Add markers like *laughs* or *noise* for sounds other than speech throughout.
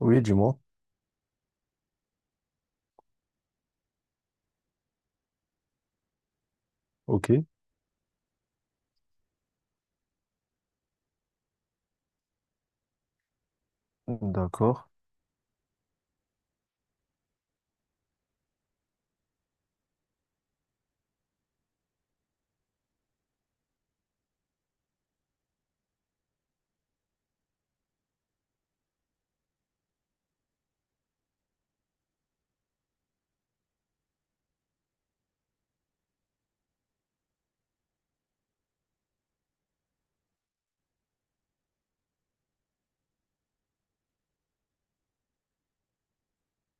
Oui, dis-moi. Ok, d'accord.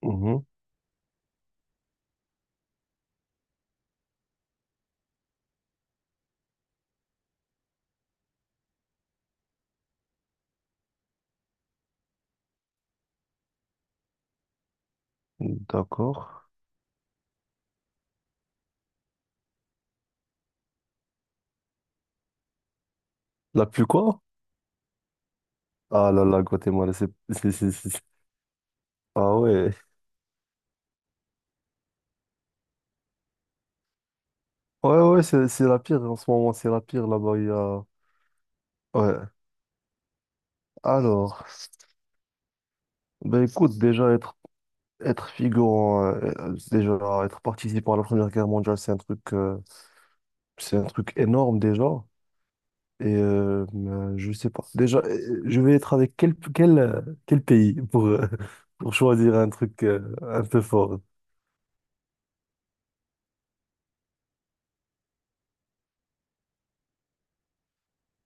Mhm. D'accord. La plus quoi? Ah là là, Guatemala, Ah ouais. Ouais, ouais, c'est la pire en ce moment, c'est la pire là-bas. Ouais. Alors, ben écoute, déjà être figurant, déjà être participant à la Première Guerre mondiale, c'est un truc énorme déjà. Et je sais pas. Déjà, je vais être avec quel pays pour, *laughs* pour choisir un truc un peu fort.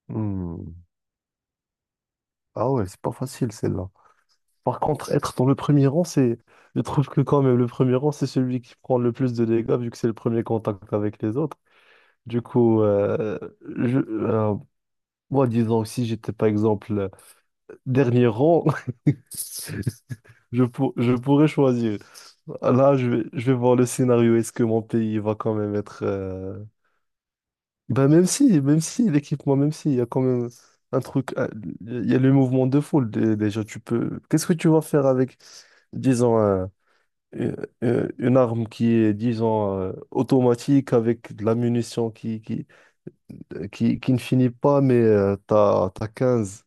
Hmm. Ah ouais, c'est pas facile celle-là. Par contre, être dans le premier rang, c'est. Je trouve que quand même, le premier rang, c'est celui qui prend le plus de dégâts, vu que c'est le premier contact avec les autres. Du coup, je, euh, moi, disons que si j'étais, par exemple, dernier rang, *laughs* je pourrais choisir. Là, je vais voir le scénario. Est-ce que mon pays va quand même être, Bah même si l'équipement, même si, il y a quand même un truc. Il y a le mouvement de foule déjà, tu peux... Qu'est-ce que tu vas faire avec, disons, une, une arme qui est, disons, automatique, avec de la munition qui ne finit pas, mais t'as quinze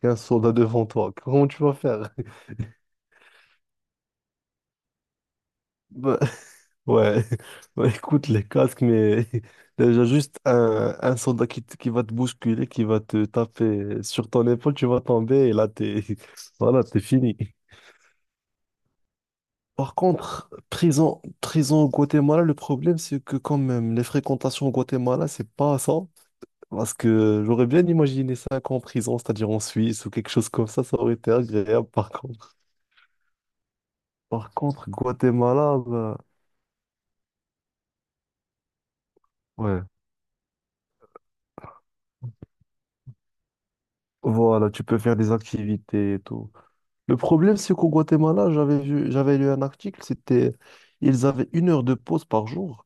quinze soldats devant toi. Comment tu vas faire? *laughs* Ouais, *laughs* Bah, écoute les casques, mais *laughs* déjà juste un soldat qui va te bousculer, qui va te taper sur ton épaule, tu vas tomber et là t'es *laughs* voilà, t'es fini. Par contre, prison au Guatemala, le problème c'est que quand même les fréquentations au Guatemala, c'est pas ça. Parce que j'aurais bien imaginé 5 ans en prison, c'est-à-dire en Suisse ou quelque chose comme ça aurait été agréable par contre. Par contre, Guatemala, bah, ouais, voilà, tu peux faire des activités et tout. Le problème, c'est qu'au Guatemala, j'avais lu un article, c'était, ils avaient 1 heure de pause par jour.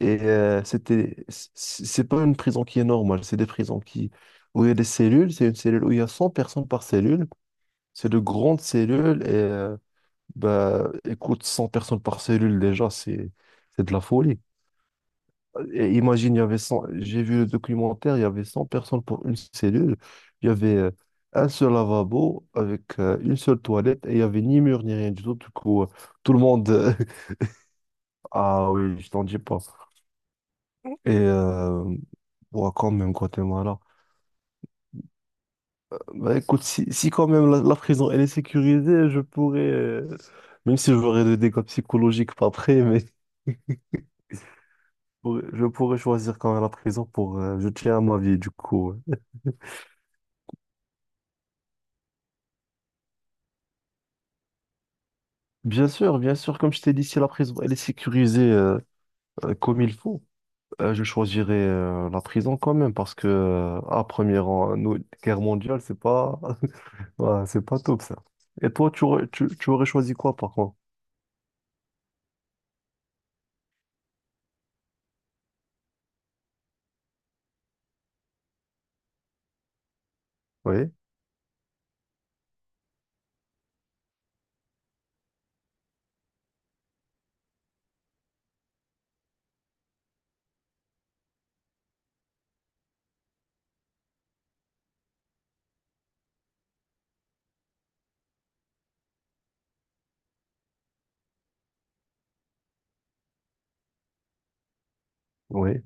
Et c'est pas une prison qui est normale, c'est des prisons où il y a des cellules, c'est une cellule où il y a 100 personnes par cellule. C'est de grandes cellules et, bah, écoute, 100 personnes par cellule, déjà, c'est de la folie. Et imagine, il y avait 100. J'ai vu le documentaire, il y avait 100 personnes pour une cellule. Il y avait un seul lavabo avec une seule toilette et il n'y avait ni mur ni rien du tout. Du coup, tout le monde. *laughs* Ah oui, je t'en dis pas. Et ouais, quand même, Guatemala. Bah écoute, si quand même la prison elle est sécurisée, je pourrais. Même si j'aurais des dégâts psychologiques pas après, mais *laughs* je je pourrais choisir quand même la prison pour. Je tiens à ma vie, du coup. Ouais. Bien sûr, comme je t'ai dit, si la prison elle est sécurisée comme il faut, je choisirais la prison quand même parce que à premier rang, nous, guerre mondiale, c'est pas *laughs* ouais, c'est pas top ça. Et toi, tu aurais choisi quoi par contre? Oui, oui.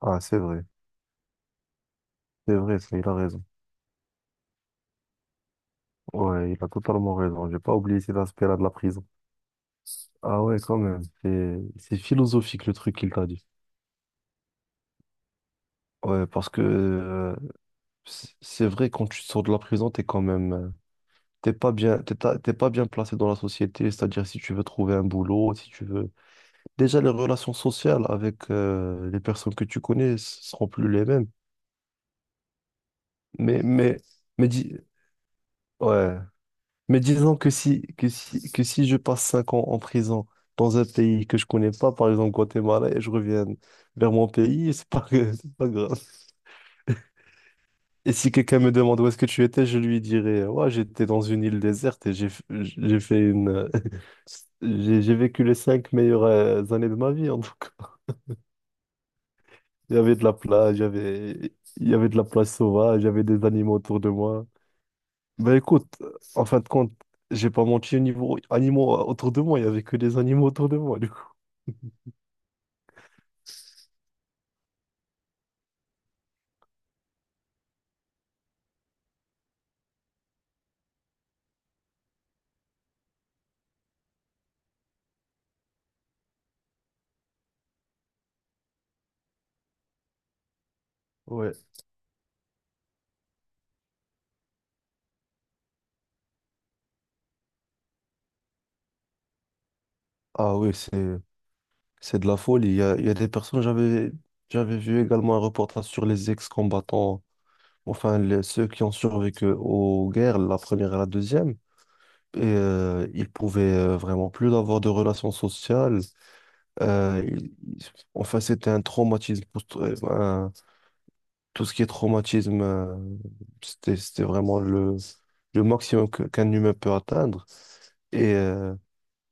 Ah, c'est vrai, ça, il a raison. Ouais, il a totalement raison. J'ai pas oublié cet aspect-là de la prison. Ah ouais, quand même. C'est philosophique le truc qu'il t'a dit. Ouais, parce que c'est vrai, quand tu sors de la prison, t'es quand même t'es pas bien placé dans la société, c'est-à-dire si tu veux trouver un boulot, si tu veux... Déjà, les relations sociales avec les personnes que tu connais seront plus les mêmes. Mais, mais, mais, dis- ouais. Mais disons que si je passe 5 ans en prison dans un pays que je connais pas, par exemple Guatemala, et je reviens vers mon pays, *laughs* c'est pas, que- *laughs* c'est pas grave. Et si quelqu'un me demande où est-ce que tu étais, je lui dirais, ouais, j'étais dans une île déserte et j'ai fait une... J'ai vécu les cinq meilleures années de ma vie, en tout cas. Il y avait de la plage, il y avait de la plage sauvage, il y avait des animaux autour de moi. Ben écoute, en fin de compte, j'ai pas menti au niveau animaux autour de moi, il y avait que des animaux autour de moi, du coup. Ouais. Ah oui, c'est de la folie. Il y a des personnes, j'avais vu également un reportage sur les ex-combattants, enfin ceux qui ont survécu aux guerres, la première et la deuxième. Et il pouvait vraiment plus avoir de relations sociales. Enfin, c'était un traumatisme. Tout ce qui est traumatisme, c'était vraiment le maximum qu'un humain peut atteindre. Et, euh,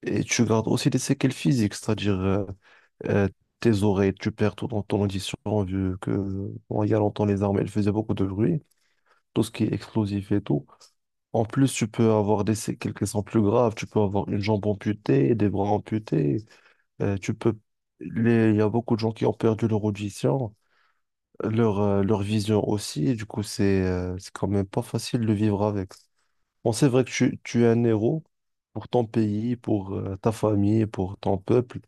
et tu gardes aussi des séquelles physiques, c'est-à-dire euh, tes oreilles, tu perds tout dans ton audition, vu que bon, il y a longtemps, les armées, elles faisaient beaucoup de bruit, tout ce qui est explosif et tout. En plus, tu peux avoir quelques sons plus graves, tu peux avoir une jambe amputée, des bras amputés, tu peux... Il y a beaucoup de gens qui ont perdu leur audition, leur vision aussi, du coup, c'est quand même pas facile de vivre avec. Bon, c'est vrai que tu es un héros pour ton pays, pour ta famille, pour ton peuple,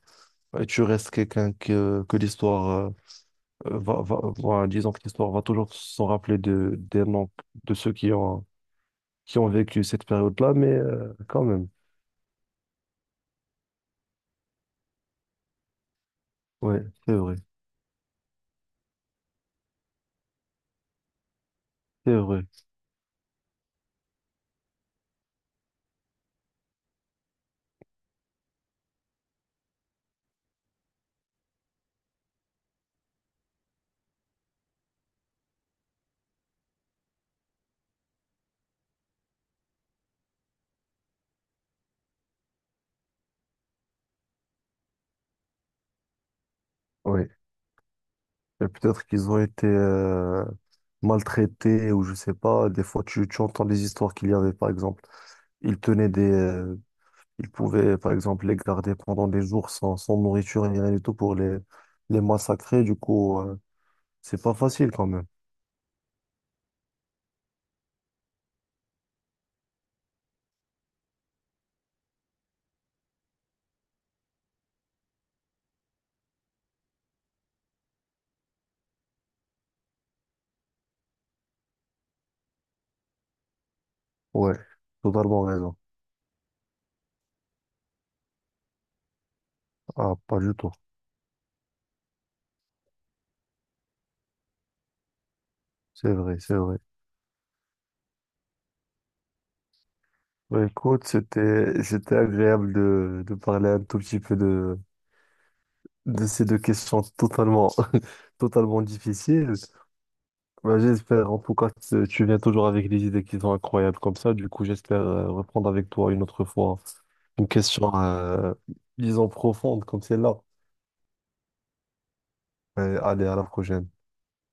et tu restes quelqu'un que l'histoire disons que l'histoire va toujours s'en rappeler des noms de ceux qui ont vécu cette période-là, mais quand même. Oui, c'est vrai, c'est vrai. Oui. Et peut-être qu'ils ont été maltraités ou je sais pas. Des fois, tu entends des histoires qu'il y avait, par exemple. Ils tenaient des, ils pouvaient, par exemple, les garder pendant des jours sans nourriture ni rien du tout pour les massacrer. Du coup, c'est pas facile quand même. Ouais, totalement raison. Ah, pas du tout. C'est vrai, c'est vrai. Bah, écoute, c'était agréable de parler un tout petit peu de ces deux questions totalement, *laughs* totalement difficiles. Bah, j'espère, en tout cas, tu viens toujours avec des idées qui sont incroyables comme ça. Du coup, j'espère reprendre avec toi une autre fois une question, disons, profonde comme celle-là. Allez, à la prochaine.